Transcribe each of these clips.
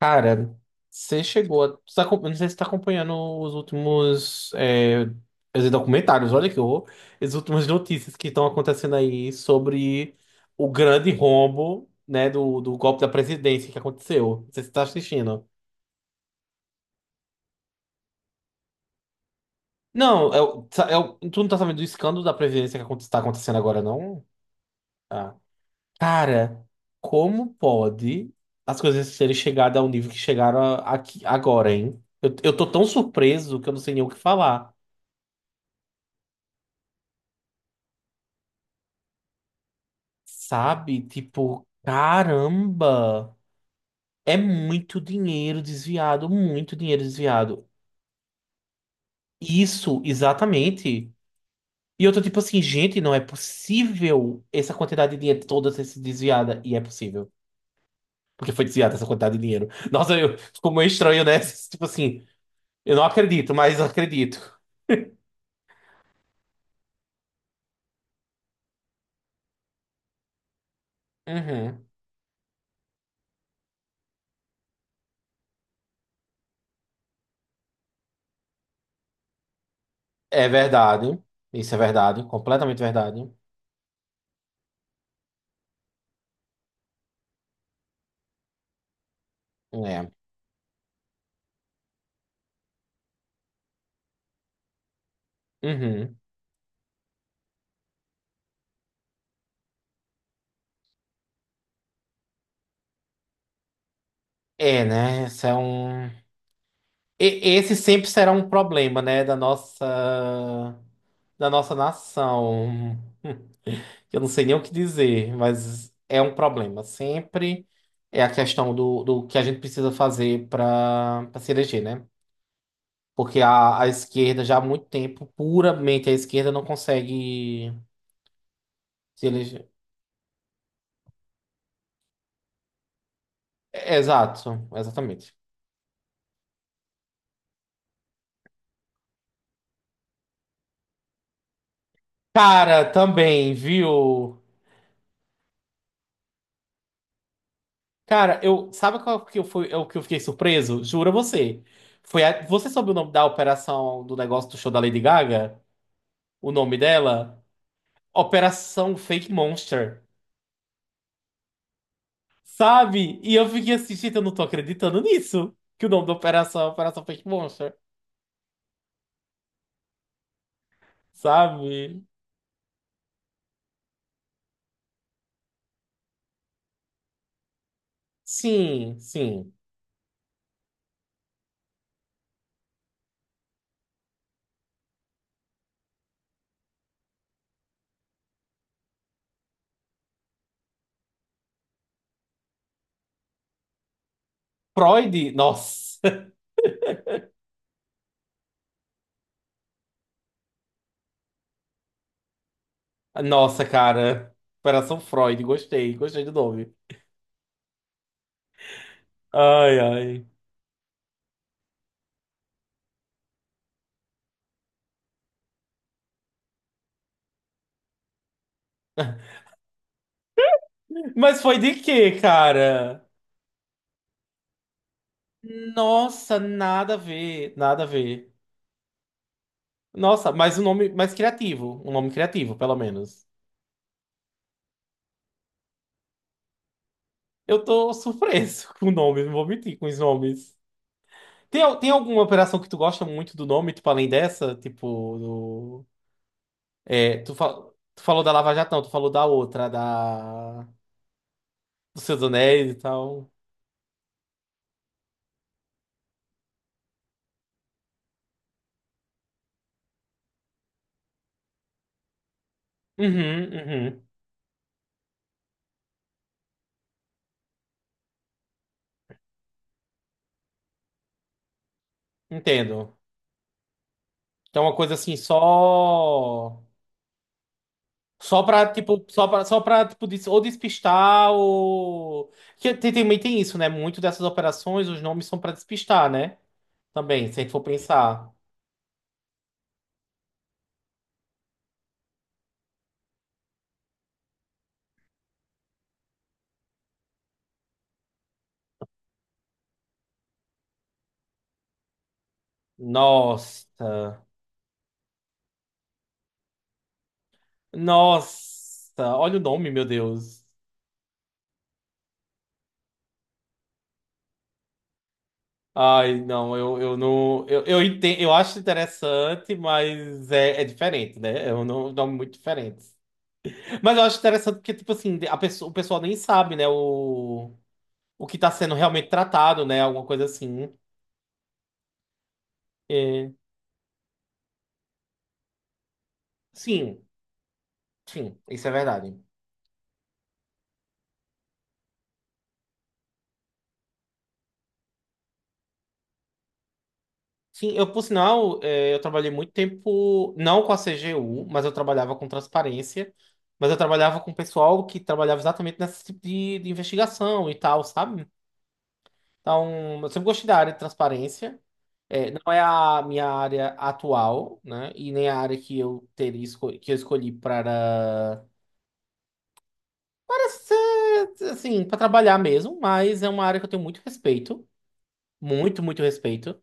Cara, você chegou a. Eu não sei se você tá acompanhando os últimos os documentários, olha que horror. As últimas notícias que estão acontecendo aí sobre o grande rombo, né, do golpe da presidência que aconteceu. Não sei se você tá assistindo. Não, tu não tá sabendo do escândalo da presidência que está acontecendo agora, não? Ah. Cara, como pode as coisas terem chegado ao nível que chegaram aqui agora, hein? Eu tô tão surpreso que eu não sei nem o que falar. Sabe? Tipo, caramba! É muito dinheiro desviado, muito dinheiro desviado. Isso, exatamente. E eu tô tipo assim, gente, não é possível essa quantidade de dinheiro toda ter sido desviada. E é possível, porque foi desviada essa quantidade de dinheiro. Nossa, eu ficou meio estranho, né? Tipo assim, eu não acredito, mas eu acredito. Uhum. É verdade. Isso é verdade, completamente verdade. É. Uhum. É, né? Isso é um. Esse sempre será um problema, né, da nossa nação. Eu não sei nem o que dizer, mas é um problema. Sempre é a questão do que a gente precisa fazer para se eleger, né? Porque a esquerda já há muito tempo, puramente a esquerda, não consegue se eleger. É, exato, exatamente. Cara, também, viu? Cara, eu sabe qual que eu fui, é o que eu fiquei surpreso? Jura você. Foi você soube o nome da operação do negócio do show da Lady Gaga? O nome dela? Operação Fake Monster. Sabe? E eu fiquei assim, gente, eu não tô acreditando nisso. Que o nome da operação é Operação Fake Monster. Sabe? Sim, sim. Freud? Nossa. Nossa, cara. Operação Freud. Gostei, gostei do nome. Ai, ai. Mas foi de quê, cara? Nossa, nada a ver, nada a ver. Nossa, mas o nome mais criativo, um nome criativo, pelo menos. Eu tô surpreso com o nome, não vou mentir com os nomes. Tem, tem alguma operação que tu gosta muito do nome, tipo, além dessa? Tipo, é, tu, fa- tu falou da Lava Jato, não, tu falou da outra, dos Seus Anéis e tal. Uhum, uhum, entendo. Então é uma coisa assim, só. Só pra, tipo, ou despistar ou... Que tem, também tem isso, né? Muito dessas operações, os nomes são pra despistar, né? Também, se a gente for pensar. Nossa. Nossa. Olha o nome, meu Deus. Ai, não, eu não... Eu entendo, eu acho interessante, mas é, é diferente, né? É um nome muito diferente. Mas eu acho interessante porque, tipo assim, a pessoa, o pessoal nem sabe, né? O que tá sendo realmente tratado, né? Alguma coisa assim. É. Sim, sim, isso é verdade. Sim, por sinal, eu trabalhei muito tempo, não com a CGU, mas eu trabalhava com transparência, mas eu trabalhava com pessoal que trabalhava exatamente nesse tipo de investigação e tal, sabe? Então, eu sempre gostei da área de transparência. Não é a minha área atual, né? E nem a área que eu teria que eu escolhi para, para ser, assim, para trabalhar mesmo, mas é uma área que eu tenho muito respeito, muito, muito respeito.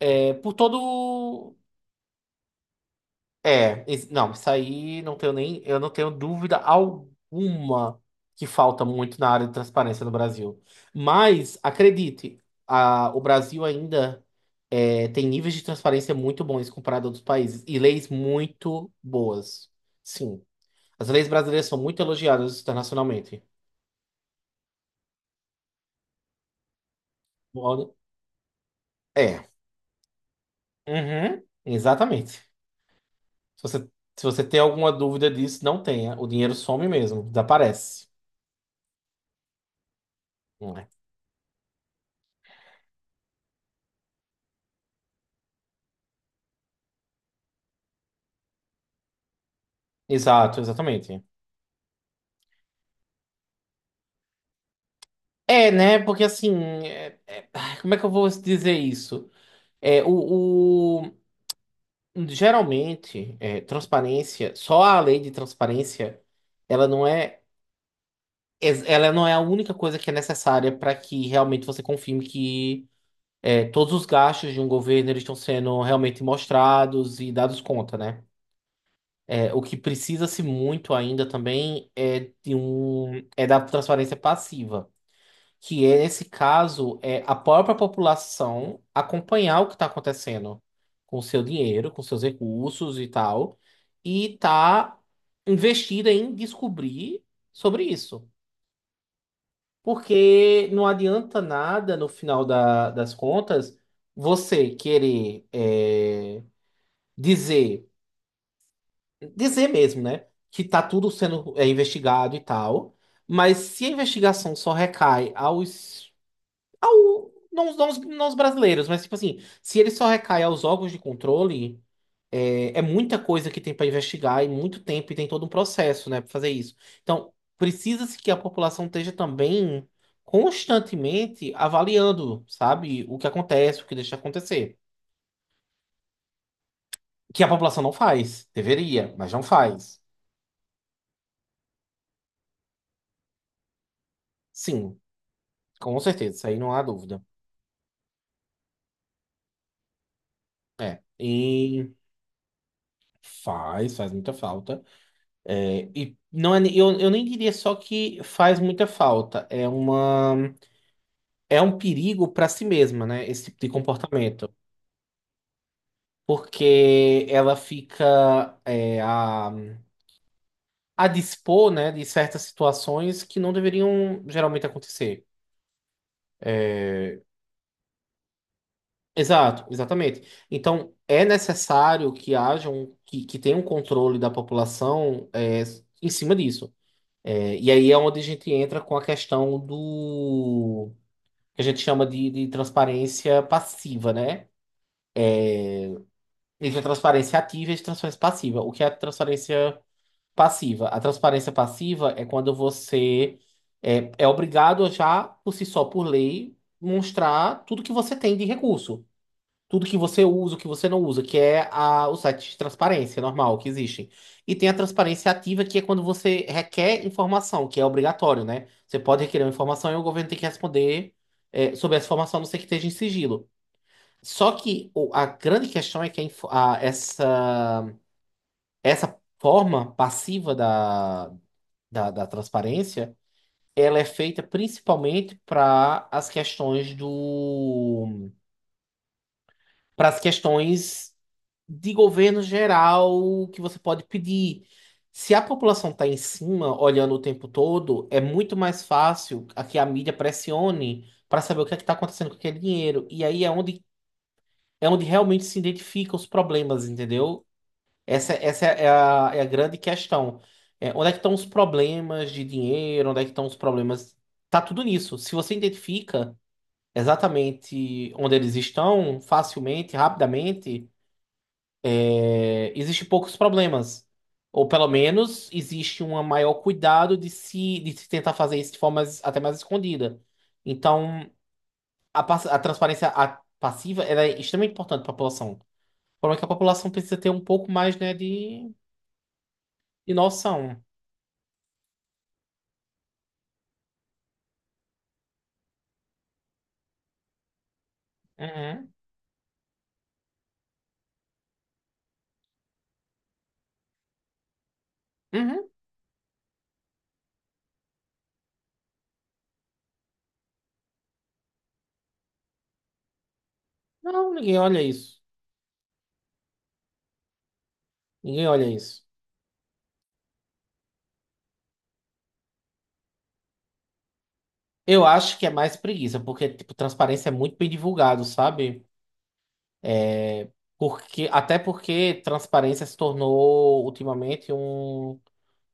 É, por todo. É, não, isso aí não tenho nem, eu não tenho dúvida alguma que falta muito na área de transparência no Brasil. Mas, acredite, o Brasil ainda é, tem níveis de transparência muito bons comparado a outros países e leis muito boas. Sim, as leis brasileiras são muito elogiadas internacionalmente. Olha- É, uhum, exatamente. Se você, se você tem alguma dúvida disso, não tenha. O dinheiro some mesmo, desaparece. Não é? Exato, exatamente. É, né? Porque assim, ai, como é que eu vou dizer isso? É, o- geralmente, é, transparência, só a lei de transparência, ela não é, ela não é a única coisa que é necessária para que realmente você confirme que é, todos os gastos de um governo eles estão sendo realmente mostrados e dados conta, né? É, o que precisa-se muito ainda também é de um, é da transparência passiva. Que é, nesse caso, é a própria população acompanhar o que está acontecendo com o seu dinheiro, com seus recursos e tal, e tá investida em descobrir sobre isso. Porque não adianta nada, no final das contas, você querer é, dizer, dizer mesmo, né, que tá tudo sendo é, investigado e tal, mas se a investigação só recai aos Ao, não, não, não os brasileiros, mas tipo assim, se ele só recai aos órgãos de controle, é, é muita coisa que tem para investigar e muito tempo e tem todo um processo, né, para fazer isso. Então, precisa-se que a população esteja também constantemente avaliando, sabe, o que acontece, o que deixa de acontecer. Que a população não faz, deveria, mas não faz. Sim, com certeza, isso aí não há dúvida. É, e faz, faz muita falta. É, e não é, eu nem diria só que faz muita falta, é uma, é um perigo para si mesma, né? Esse tipo de comportamento, porque ela fica é, a dispor, né, de certas situações que não deveriam geralmente acontecer. Exato, exatamente. Então é necessário que haja um, que tenha um controle da população é, em cima disso. É, e aí é onde a gente entra com a questão do que a gente chama de transparência passiva, né? Existe a transparência ativa e a transparência passiva. O que é a transparência passiva? A transparência passiva é quando você é, é obrigado já, por si só, por lei, mostrar tudo que você tem de recurso. Tudo que você usa, o que você não usa, que é a, o site de transparência normal que existem. E tem a transparência ativa, que é quando você requer informação, que é obrigatório, né? Você pode requerer uma informação e o governo tem que responder, é, sobre essa informação, a não ser que esteja em sigilo. Só que a grande questão é que essa, essa forma passiva da transparência, ela é feita principalmente para as questões do, para as questões de governo geral que você pode pedir. Se a população está em cima, olhando o tempo todo, é muito mais fácil a que a mídia pressione para saber o que é que está acontecendo com aquele dinheiro. E aí é onde realmente se identificam os problemas, entendeu? Essa é é a grande questão. É, onde é que estão os problemas de dinheiro? Onde é que estão os problemas? Tá tudo nisso. Se você identifica exatamente onde eles estão, facilmente, rapidamente, é, existe poucos problemas. Ou pelo menos existe um maior cuidado de se tentar fazer isso de forma mais- até mais escondida. Então, a transparência passiva ela é extremamente importante para a população. O problema é que a população precisa ter um pouco mais, né, de noção. Uhum. Uhum. Não, ninguém olha isso. Ninguém olha isso. Eu acho que é mais preguiça, porque, tipo, transparência é muito bem divulgado, sabe? É, porque, até porque transparência se tornou ultimamente um,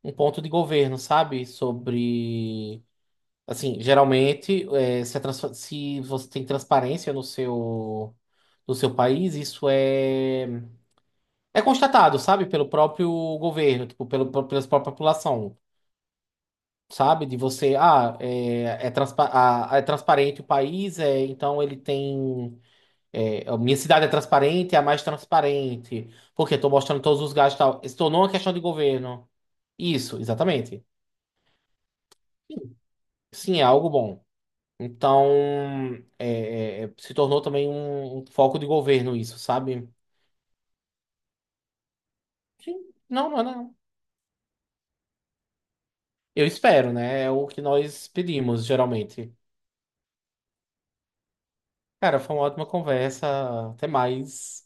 um ponto de governo, sabe? Sobre. Assim, geralmente, é, se, se você tem transparência no seu, no seu país, isso é, é constatado, sabe? Pelo próprio governo, tipo, pelo, pela própria população. Sabe? De você, ah, transpa a é transparente o país, é, então ele tem. É, a minha cidade é transparente, é a mais transparente, porque estou mostrando todos os gastos e tal. Se tornou uma questão de governo. Isso, exatamente. Sim, sim, é algo bom. Então, é, se tornou também um foco de governo, isso, sabe? Sim, não, não, é não. Eu espero, né? É o que nós pedimos, geralmente. Cara, foi uma ótima conversa. Até mais.